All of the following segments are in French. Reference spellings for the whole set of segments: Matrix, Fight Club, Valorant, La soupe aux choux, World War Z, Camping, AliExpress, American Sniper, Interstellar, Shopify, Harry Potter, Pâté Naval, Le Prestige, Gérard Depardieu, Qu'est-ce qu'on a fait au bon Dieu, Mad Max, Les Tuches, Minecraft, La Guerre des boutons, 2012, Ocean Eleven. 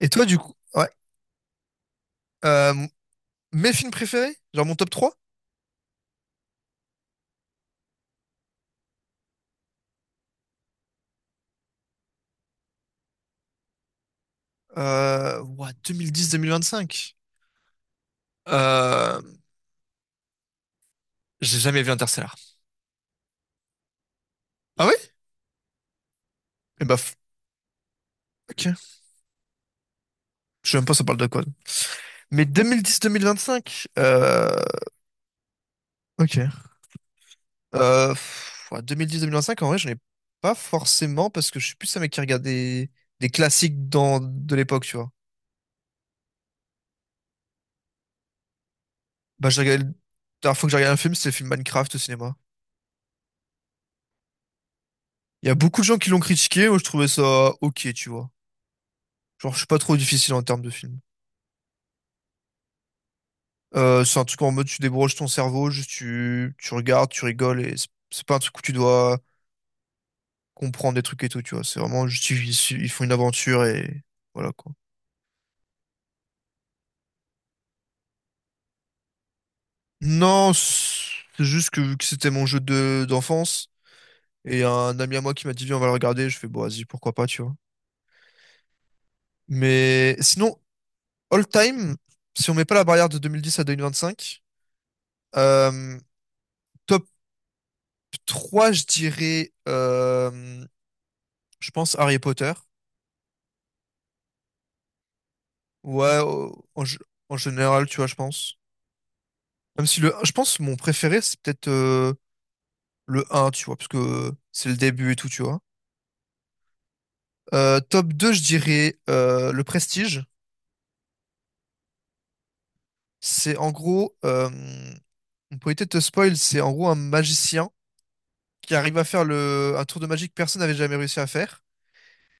Et toi, du coup, ouais, euh, mes films préférés, genre mon top 3, ouah, 2010-2025. Euh, j'ai jamais vu Interstellar. Ah oui? Eh bah, ok. Je sais même pas ça parle de quoi. Mais 2010-2025, ok. Pff, ouais, 2010-2025, en vrai, j'en ai pas forcément parce que je suis plus un mec qui regarde des classiques de l'époque, tu vois. Bah, la dernière fois que j'ai regardé un film, c'était le film Minecraft au cinéma. Il y a beaucoup de gens qui l'ont critiqué, moi je trouvais ça ok, tu vois. Genre, je suis pas trop difficile en termes de film. C'est un truc en mode tu débranches ton cerveau, juste tu regardes, tu rigoles et c'est pas un truc où tu dois comprendre des trucs et tout, tu vois. C'est vraiment juste ils font une aventure et voilà quoi. Non, c'est juste que vu que c'était mon jeu de d'enfance et un ami à moi qui m'a dit viens on va le regarder, je fais bon vas-y pourquoi pas, tu vois. Mais sinon, all time, si on met pas la barrière de 2010 à 2025, euh, top 3 je dirais je pense Harry Potter. Ouais, en général, tu vois, je pense. Même si je pense que mon préféré, c'est peut-être le un tu vois, parce que c'est le début et tout, tu vois. Top 2 je dirais le Prestige. C'est en gros, on peut éviter de te spoil, c'est en gros un magicien qui arrive à faire un tour de magie que personne n'avait jamais réussi à faire.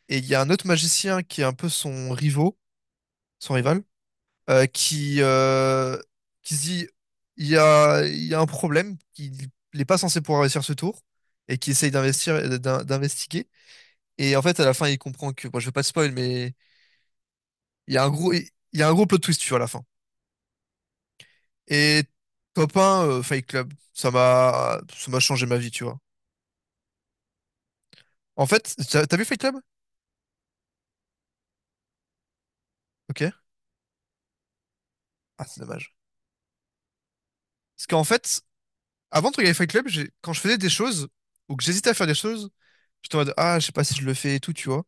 Et il y a un autre magicien qui est un peu son rival, euh, qui, euh, qui se dit il y a un problème, il n'est pas censé pouvoir réussir ce tour, et qui essaye d'investiguer. Et en fait, à la fin, il comprend que, bon, je vais pas te spoil, mais il y a un gros plot twist, tu vois, à la fin. Et top 1, Fight Club, ça m'a changé ma vie, tu vois. En fait, t'as vu Fight Club? Ok. Ah, c'est dommage. Parce qu'en fait, avant de regarder Fight Club, quand je faisais des choses, ou que j'hésitais à faire des choses, j'étais en mode, ah, je sais pas si je le fais et tout, tu vois.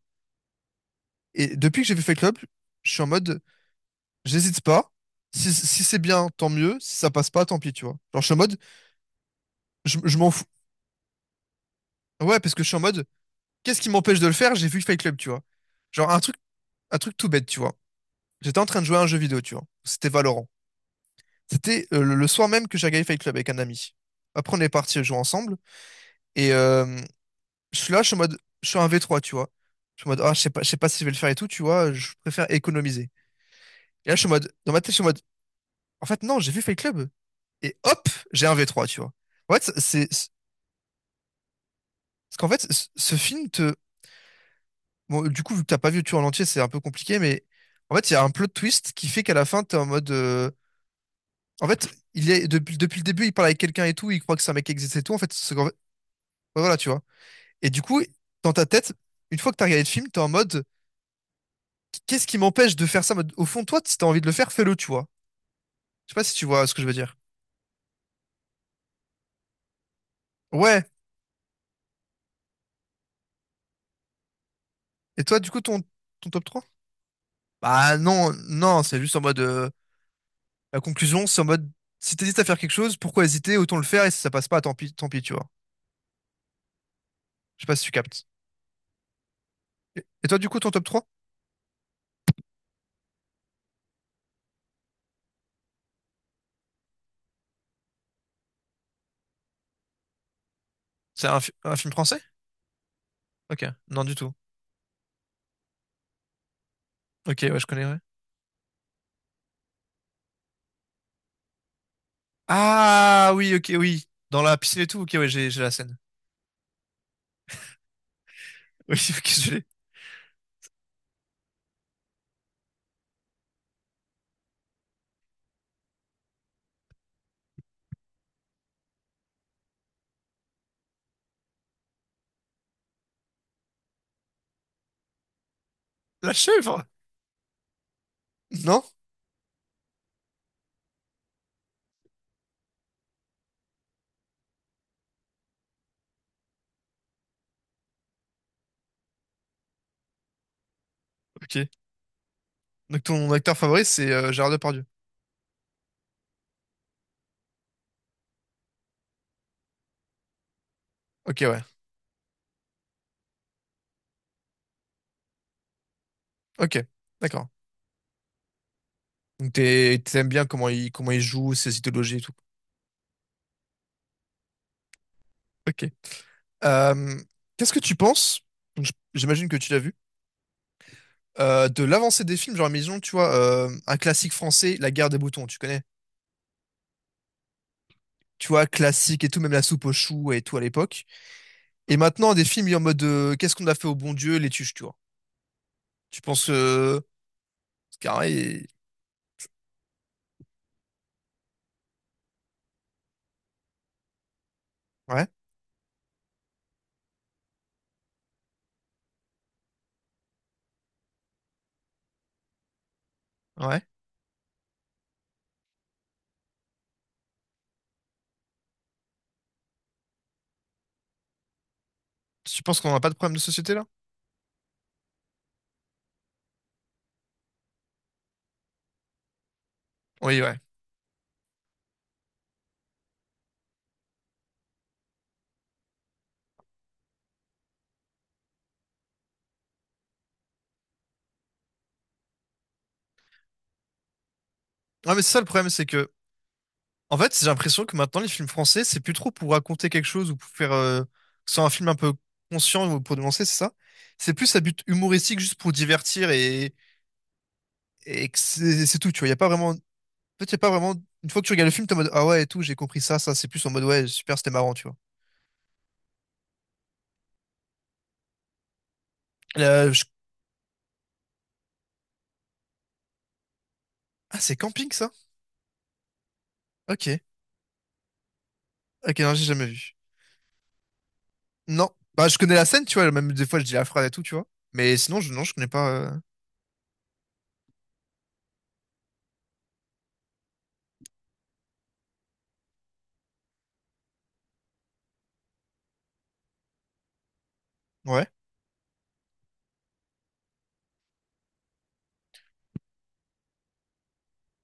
Et depuis que j'ai vu Fight Club, je suis en mode, j'hésite pas. Si, si c'est bien, tant mieux. Si ça passe pas, tant pis, tu vois. Genre, je suis en mode, je m'en fous. Ouais, parce que je suis en mode, qu'est-ce qui m'empêche de le faire? J'ai vu Fight Club, tu vois. Genre, un truc tout bête, tu vois. J'étais en train de jouer à un jeu vidéo, tu vois. C'était Valorant. C'était le soir même que j'ai regardé Fight Club avec un ami. Après, on est parti jouer ensemble. Et je suis là, je suis en mode, je suis un V3, tu vois. Je suis en mode, ah, je sais pas si je vais le faire et tout, tu vois. Je préfère économiser. Et là, je suis en mode, dans ma tête, je suis en mode, en fait, non, j'ai vu Fight Club. Et hop, j'ai un V3, tu vois. En fait, parce qu'en fait, ce film te, bon, du coup, vu que t'as pas vu tout en entier, c'est un peu compliqué, mais en fait, il y a un plot twist qui fait qu'à la fin, t'es en mode, en fait, depuis le début, il parle avec quelqu'un et tout, il croit que c'est un mec qui existe et tout, en fait, ouais, voilà, tu vois. Et du coup, dans ta tête, une fois que t'as regardé le film, t'es en mode, qu'est-ce qui m'empêche de faire ça? En mode, au fond, toi, si t'as envie de le faire, fais-le, tu vois. Je sais pas si tu vois ce que je veux dire. Ouais. Et toi, du coup, ton top trois. Bah non, non, c'est juste en mode. La conclusion, c'est en mode, si t'hésites à faire quelque chose, pourquoi hésiter? Autant le faire et si ça passe pas, tant pis, tu vois. Je sais pas si tu captes. Et toi, du coup, ton top trois. C'est un film français? Ok, non, du tout. Ok, ouais, je connais, ouais. Ah oui, ok, oui. Dans la piscine et tout, ok, ouais, j'ai la scène. Oui, ok, je l'ai. La chèvre! Non? Ok. Donc ton acteur favori, c'est Gérard Depardieu. Ok, ouais. Ok, d'accord. Donc t'aimes bien comment il joue, ses idéologies et tout. Ok. Euh, Qu'est-ce que tu penses? Donc, j'imagine que tu l'as vu. De l'avancée des films, genre, maison, tu vois, un classique français, La Guerre des boutons, tu connais? Tu vois, classique et tout, même la soupe aux choux et tout à l'époque. Et maintenant, des films en mode qu'est-ce qu'on a fait au bon Dieu, les tuches, tu vois. Tu penses carré, ouais, ouais. Tu penses qu'on n'a pas de problème de société là? Oui, ouais. Ouais, mais c'est ça le problème, c'est que en fait, j'ai l'impression que maintenant les films français, c'est plus trop pour raconter quelque chose ou pour faire sans un film un peu conscient ou pour dénoncer, c'est ça? C'est plus à but humoristique, juste pour divertir et que c'est tout, tu vois. Il n'y a pas vraiment. En fait, c'est pas vraiment. Une fois que tu regardes le film, t'es en mode ah ouais et tout, j'ai compris ça, ça. C'est plus en mode ouais, super, c'était marrant, tu vois. Euh, je- Ah, c'est camping ça? Ok. Ok, non, j'ai jamais vu. Non. Bah, je connais la scène, tu vois. Même des fois, je dis la phrase et tout, tu vois. Mais sinon, non, je connais pas. Ouais.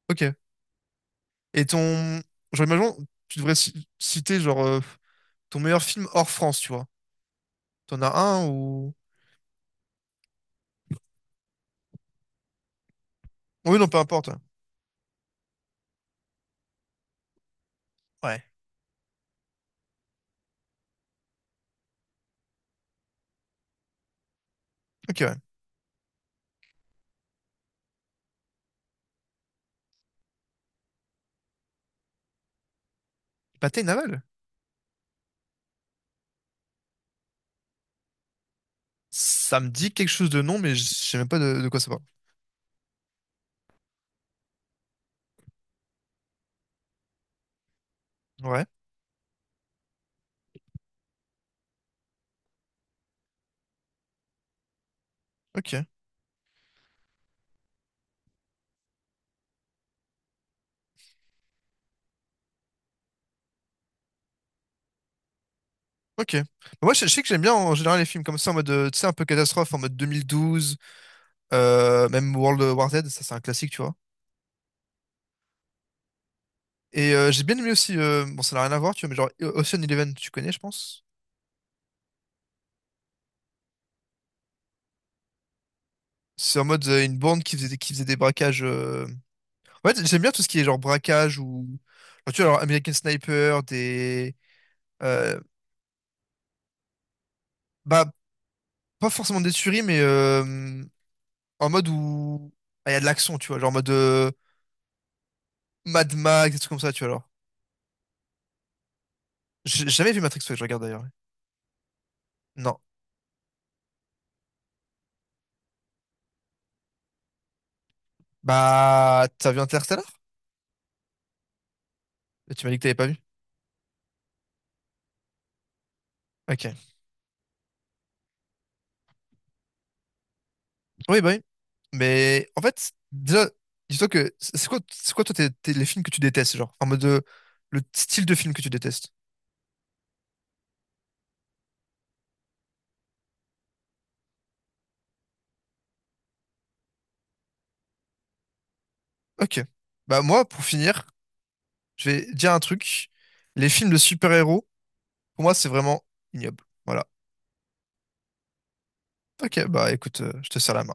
Ok. Et ton. Genre, imaginons, tu devrais citer, genre, ton meilleur film hors France, tu vois. T'en as un ou. Oui, non, peu importe. Ouais. Ok, ouais. Pâté Naval? Ça me dit quelque chose de nom, mais je sais même pas de quoi ça parle. Ouais. Ok. Ok. Moi, je sais que j'aime bien en général les films comme ça, en mode, tu sais, un peu catastrophe, en mode 2012, même World War Z, ça c'est un classique, tu vois. Et j'ai bien aimé aussi, bon, ça n'a rien à voir, tu vois, mais genre Ocean Eleven, tu connais, je pense. C'est en mode une bande qui qui faisait des braquages. Ouais, j'aime bien tout ce qui est genre braquage ou. Genre, tu vois, alors, American Sniper, des. euh, Bah, pas forcément des tueries, mais en mode où. Ah, il y a de l'action, tu vois, genre en mode Mad Max, des trucs comme ça, tu vois, alors. J'ai jamais vu Matrix, ouais, je regarde d'ailleurs. Non. Bah, t'as vu Interstellar? Tu m'as dit que t'avais pas vu. Ok. Oui, bah oui. Mais en fait, déjà, dis-toi que c'est quoi toi les films que tu détestes, genre, en mode le style de film que tu détestes. Ok. Bah moi, pour finir, je vais dire un truc. Les films de super-héros, pour moi, c'est vraiment ignoble. Voilà. Ok, bah écoute, je te sers la main.